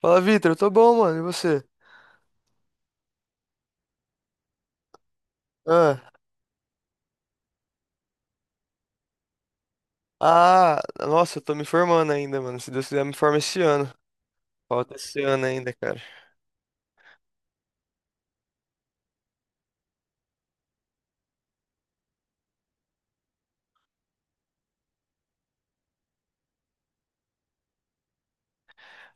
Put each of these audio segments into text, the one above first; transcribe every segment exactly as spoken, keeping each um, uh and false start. Fala, Vitor, eu tô bom, mano, e você? Ah, ah, nossa, eu tô me formando ainda, mano. Se Deus quiser, eu me formo esse ano. Falta esse ano ainda, cara.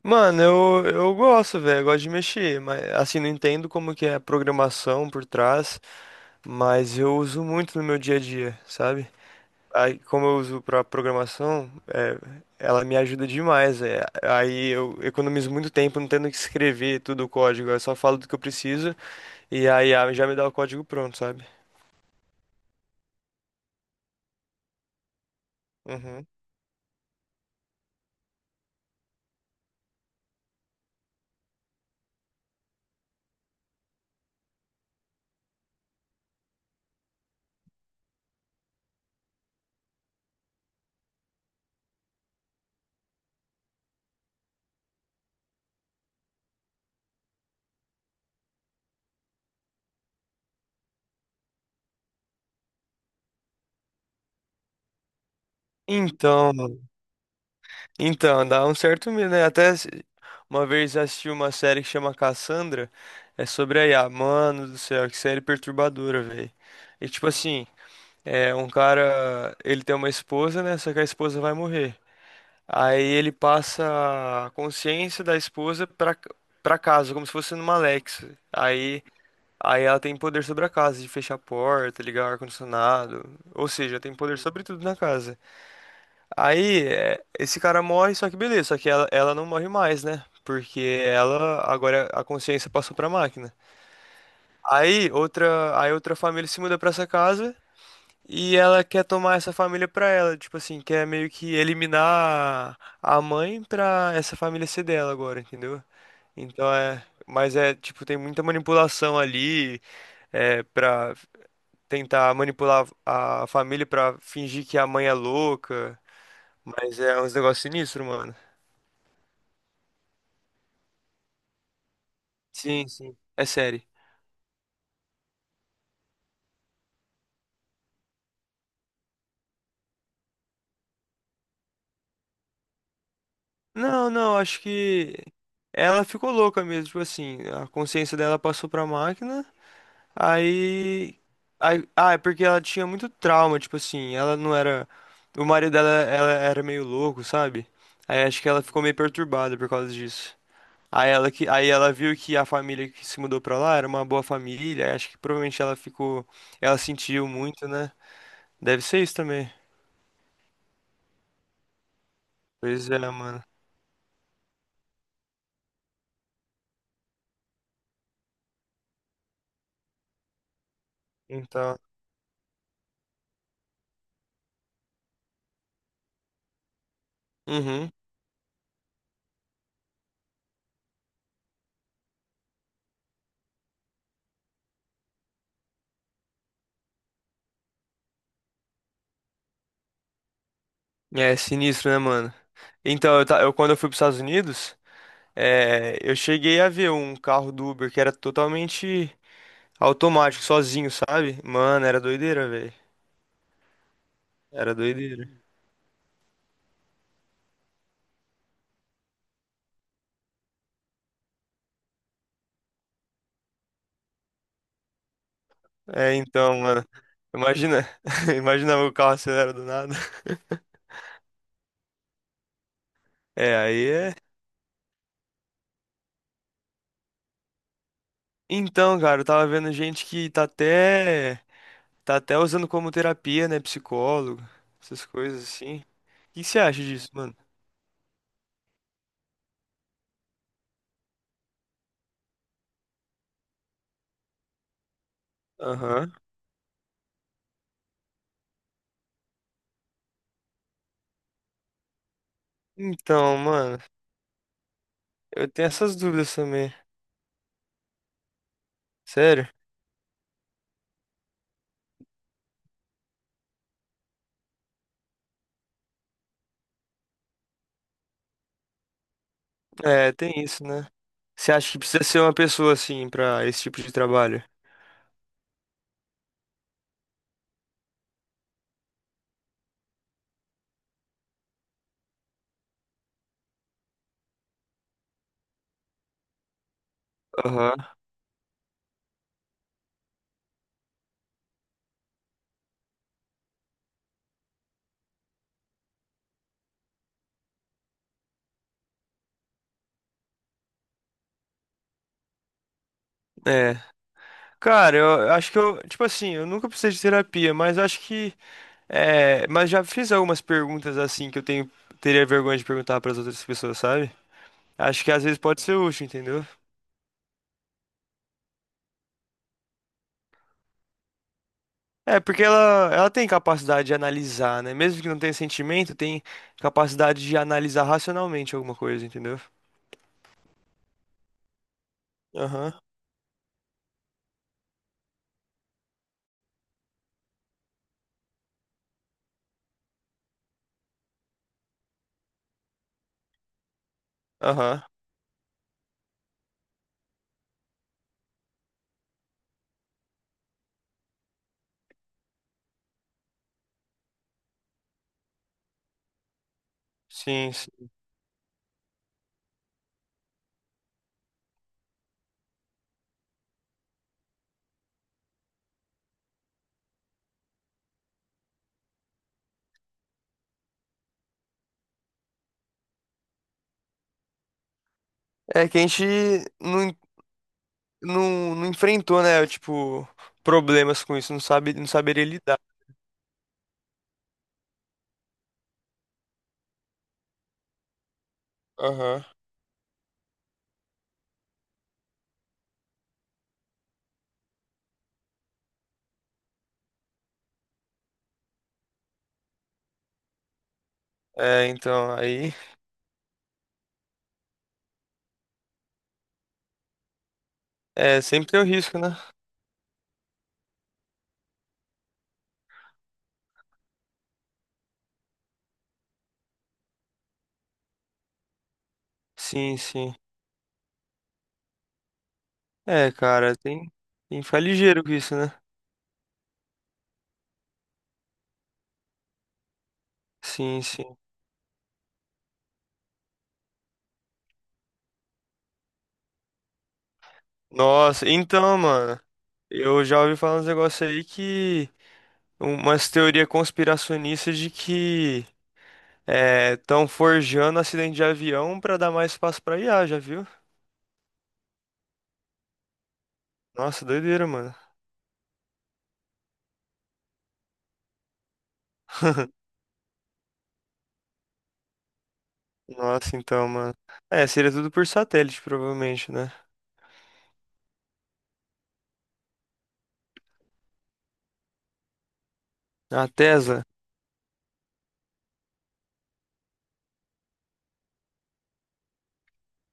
Mano, eu, eu gosto, velho, eu gosto de mexer, mas assim, não entendo como que é a programação por trás, mas eu uso muito no meu dia a dia, sabe? Aí, como eu uso pra programação, é, ela me ajuda demais, é. Aí eu economizo muito tempo não tendo que escrever tudo o código, eu só falo do que eu preciso e aí a I A já me dá o código pronto, sabe? Uhum. Então, então, dá um certo medo, né? Até se- Uma vez eu assisti uma série que chama Cassandra, é sobre a I A. Mano do céu, que série perturbadora, velho. E tipo assim, é um cara, ele tem uma esposa, né? Só que a esposa vai morrer. Aí ele passa a consciência da esposa pra, c- pra casa, como se fosse numa Alexa. Aí, aí ela tem poder sobre a casa, de fechar a porta, ligar o ar-condicionado. Ou seja, tem poder sobre tudo na casa. Aí, é, esse cara morre, só que beleza, só que ela, ela não morre mais, né? Porque ela, agora a consciência passou pra máquina. Aí outra, aí outra família se muda pra essa casa e ela quer tomar essa família pra ela, tipo assim, quer meio que eliminar a mãe pra essa família ser dela agora, entendeu? Então é, mas é, tipo, tem muita manipulação ali, é, para tentar manipular a família pra fingir que a mãe é louca, mas é uns negócios sinistros, mano. Sim, sim. É série. Não, não, acho que ela ficou louca mesmo, tipo assim, a consciência dela passou pra máquina, aí, aí, ah, é porque ela tinha muito trauma, tipo assim, ela não era, o marido dela, ela era meio louco, sabe? Aí acho que ela ficou meio perturbada por causa disso. Aí ela que, aí ela viu que a família que se mudou pra lá era uma boa família, aí acho que provavelmente ela ficou, ela sentiu muito, né? Deve ser isso também. Pois é, mano. Então, uhum. É sinistro, né, mano? Então, eu, ta- eu- quando eu fui para os Estados Unidos, é, eu cheguei a ver um carro do Uber que era totalmente automático, sozinho, sabe? Mano, era doideira, velho. Era doideira. É, então, mano. Imagina, imagina o carro acelera do nada. É, aí é. Então, cara, eu tava vendo gente que tá até, tá até usando como terapia, né? Psicólogo, essas coisas assim. O que que você acha disso, mano? Aham. Então, mano, eu tenho essas dúvidas também. Sério? É, tem isso, né? Você acha que precisa ser uma pessoa assim pra esse tipo de trabalho? Aham. É. Cara, eu eu acho que eu, tipo assim, eu nunca precisei de terapia, mas acho que é, mas já fiz algumas perguntas assim que eu tenho teria vergonha de perguntar pras outras pessoas, sabe? Acho que às vezes pode ser útil, entendeu? É, porque ela, ela tem capacidade de analisar, né? Mesmo que não tenha sentimento, tem capacidade de analisar racionalmente alguma coisa, entendeu? Aham, aham. Sim, sim. É que a gente não, en- não, não enfrentou, né? Tipo, problemas com isso, não sabe, não saberia lidar. Aham. É, então, aí. É, sempre tem o risco, né? Sim, sim. É, cara, tem, tem que ficar ligeiro com isso, né? Sim, sim. Nossa, então, mano. Eu já ouvi falar uns negócios aí que. Umas teorias conspiracionistas de que estão forjando acidente de avião pra dar mais espaço pra I A, já viu? Nossa, doideira, mano. Nossa, então, mano. É, seria tudo por satélite, provavelmente, né? A Tesla.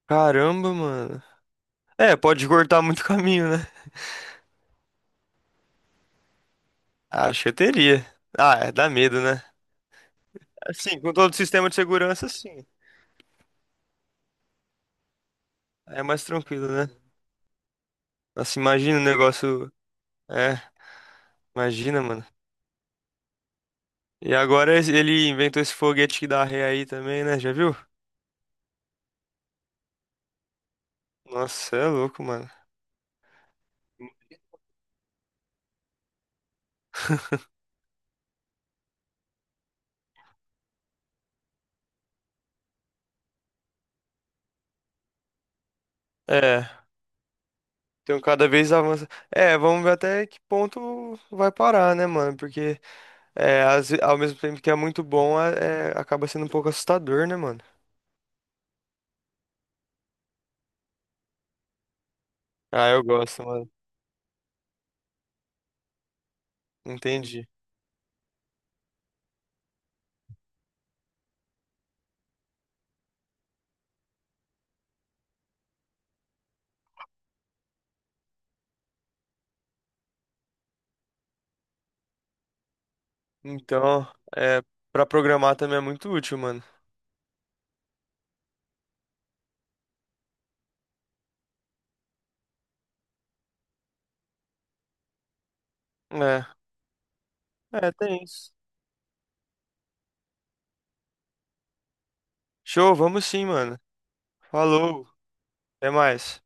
Caramba, mano. É, pode cortar muito caminho, né? Acho que eu teria. Ah, é, dá medo, né? Assim, com todo o sistema de segurança, sim. É mais tranquilo, né? Nossa, imagina o negócio. É, imagina, mano. E agora esse- ele inventou esse foguete que dá ré aí também, né? Já viu? Nossa, cê é louco, mano. É, então cada vez avança. É, vamos ver até que ponto vai parar, né, mano? Porque é, às ve- ao mesmo tempo que é muito bom, é, é- acaba sendo um pouco assustador, né, mano? Ah, eu gosto, mano. Entendi. Então, é, pra programar também é muito útil, mano. É, é, tem isso. Show, vamos sim, mano. Falou, até mais.